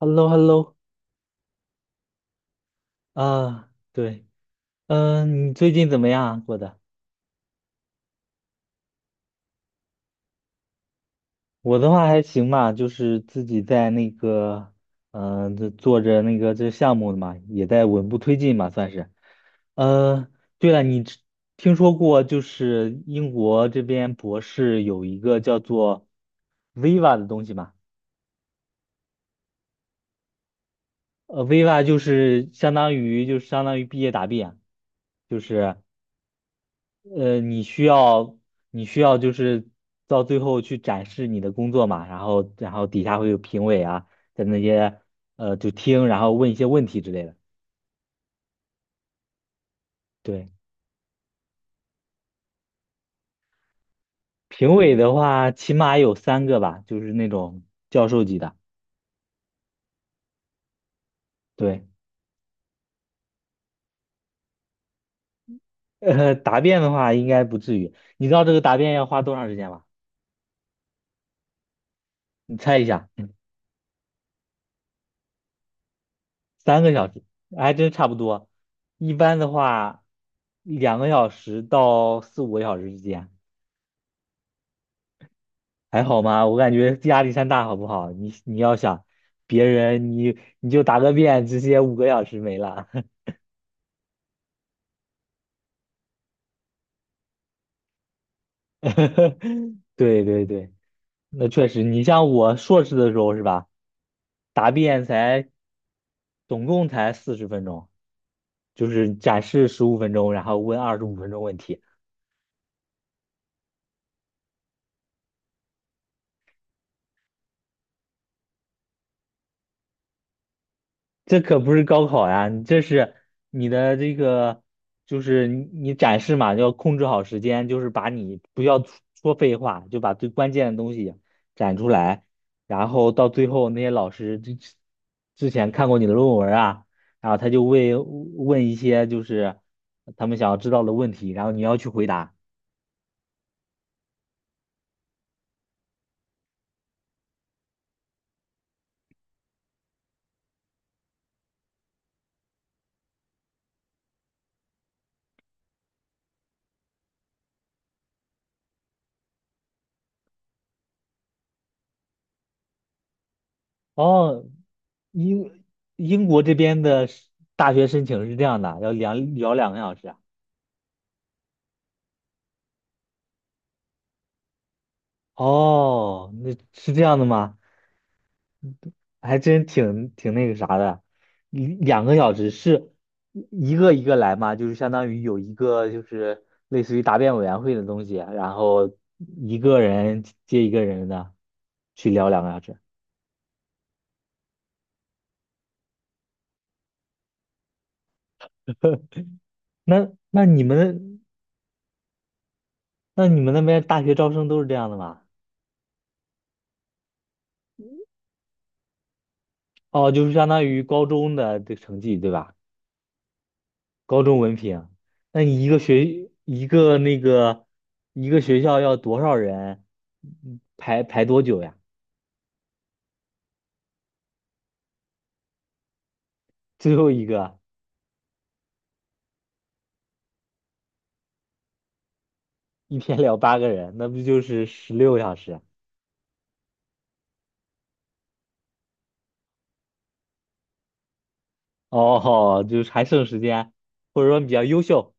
h e l l o h e l l o 啊，对，嗯，你最近怎么样啊过的？我的话还行吧，就是自己在那个，这做着那个这项目的嘛，也在稳步推进嘛，算是。呃，对了，听说过就是英国这边博士有一个叫做 Viva 的东西吗？Viva 就是相当于毕业答辩，就是。呃，你需要你需要就是到最后去展示你的工作嘛，然后底下会有评委啊，在那些就听，然后问一些问题之类的。对，评委的话起码有三个吧，就是那种教授级的。对，答辩的话应该不至于。你知道这个答辩要花多长时间吗？你猜一下，3个小时，还真差不多。一般的话，两个小时到四五个小时之间。还好吗？我感觉压力山大，好不好？你要想别人，你就答个遍，直接五个小时没了。对对对，那确实，你像我硕士的时候是吧？答辩总共才40分钟，就是展示十五分钟，然后问25分钟问题。这可不是高考呀，你的这个，就是你展示嘛，要控制好时间，就是把你不要说废话，就把最关键的东西展出来，然后到最后那些老师之前看过你的论文啊，然后他就会问一些就是他们想要知道的问题，然后你要去回答。哦，英英国这边的大学申请是这样的，要聊两个小时啊。哦，那是这样的吗？还真挺那个啥的，一两个小时是一个一个来嘛，就是相当于有一个就是类似于答辩委员会的东西，然后一个人接一个人的去聊两个小时。那那你们那你们那边大学招生都是这样的吗？哦，就是相当于高中的这成绩对吧？高中文凭啊那你一个学一个那个一个学校要多少人排多久呀？最后一个。一天聊八个人，那不就是16小时？哦，哦就是还剩时间，或者说比较优秀，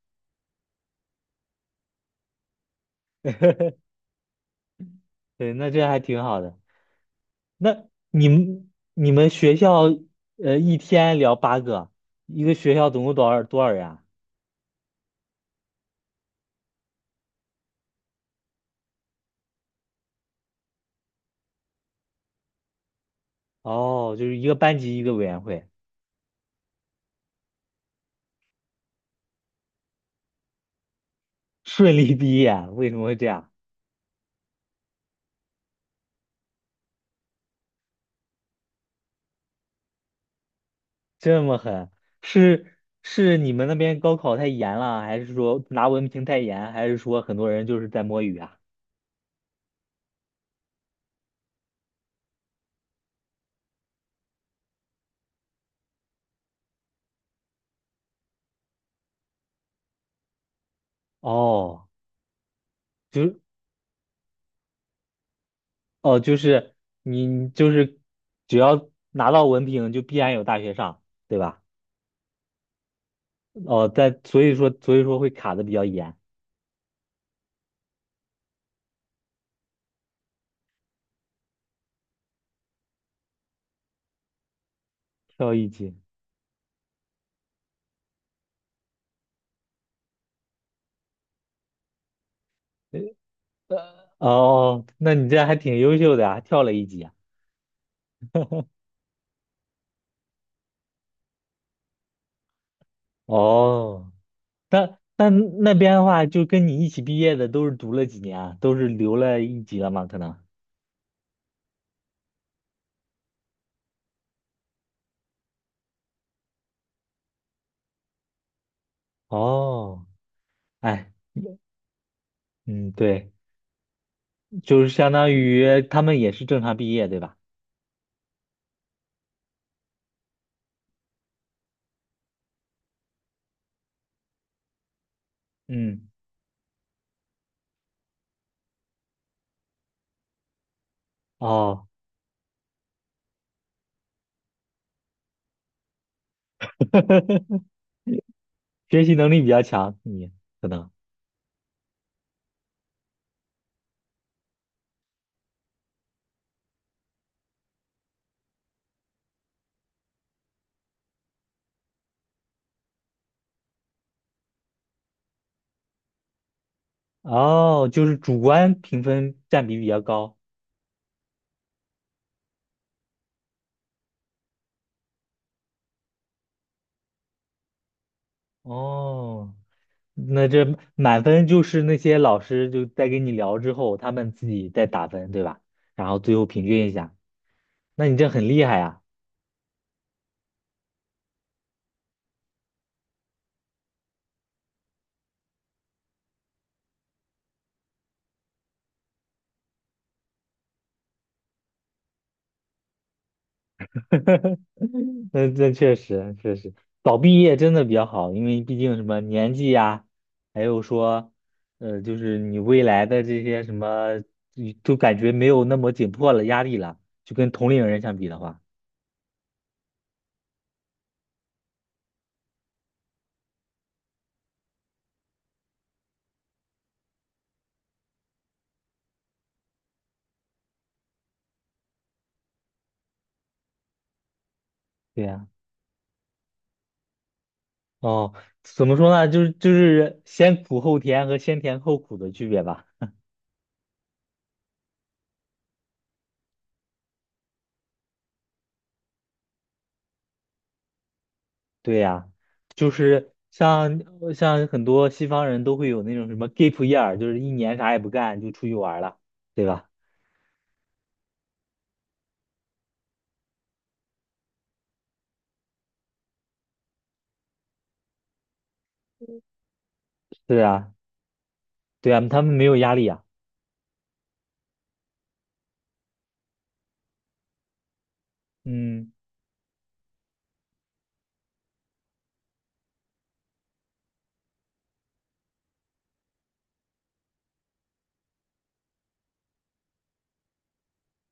对，那这还挺好的。那你们学校一天聊八个，一个学校总共多少人啊？哦，就是一个班级一个委员会，顺利毕业，为什么会这样？这么狠，是是你们那边高考太严了，还是说拿文凭太严，还是说很多人就是在摸鱼啊？哦，就哦，就是你只要拿到文凭，就必然有大学上，对吧？哦，但所以说会卡的比较严，跳一级。呃，哦，那你这还挺优秀的啊，跳了一级啊 哦，那那边的话，就跟你一起毕业的都是读了几年啊，都是留了一级了吗？可能。哦，哎，嗯，对，就是相当于他们也是正常毕业，对吧？嗯，哦，学习能力比较强，你可能哦，就是主观评分占比比较高。哦，那这满分就是那些老师就在跟你聊之后，他们自己再打分，对吧？然后最后平均一下，那你这很厉害呀。那确实早毕业真的比较好，因为毕竟什么年纪呀，还有说，就是你未来的这些什么，你都感觉没有那么紧迫了，压力了，就跟同龄人相比的话，对呀，哦，怎么说呢，就是先苦后甜和先甜后苦的区别吧，对呀，就是像很多西方人都会有那种什么 gap year，就是一年啥也不干就出去玩儿了，对吧？是啊，对啊，他们没有压力啊。嗯，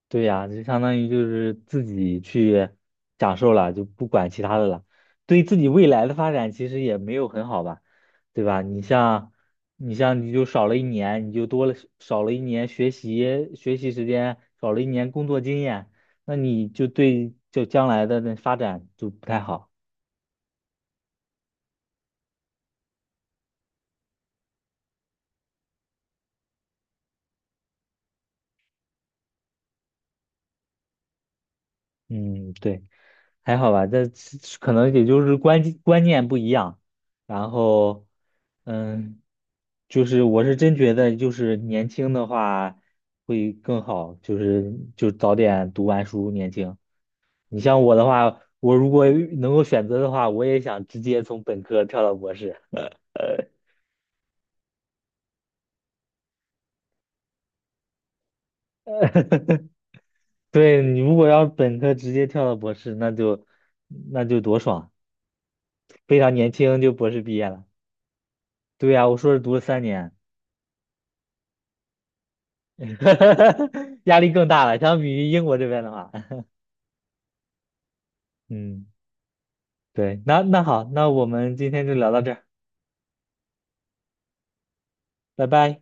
对呀，就相当于就是自己去享受了，就不管其他的了。对自己未来的发展其实也没有很好吧，对吧？你像你就少了一年，你就少了一年学习时间，少了一年工作经验，那你就将来的那发展就不太好。嗯，对，还好吧，这可能也就是观念不一样，然后，嗯，就是我是真觉得，就是年轻的话会更好，就是就早点读完书，年轻。你像我的话，我如果能够选择的话，我也想直接从本科跳到博士。对，你如果要本科直接跳到博士，那就多爽，非常年轻就博士毕业了。对呀，我硕士读了3年。压力更大了，相比于英国这边的话，嗯，对，那好，那我们今天就聊到这儿，拜拜。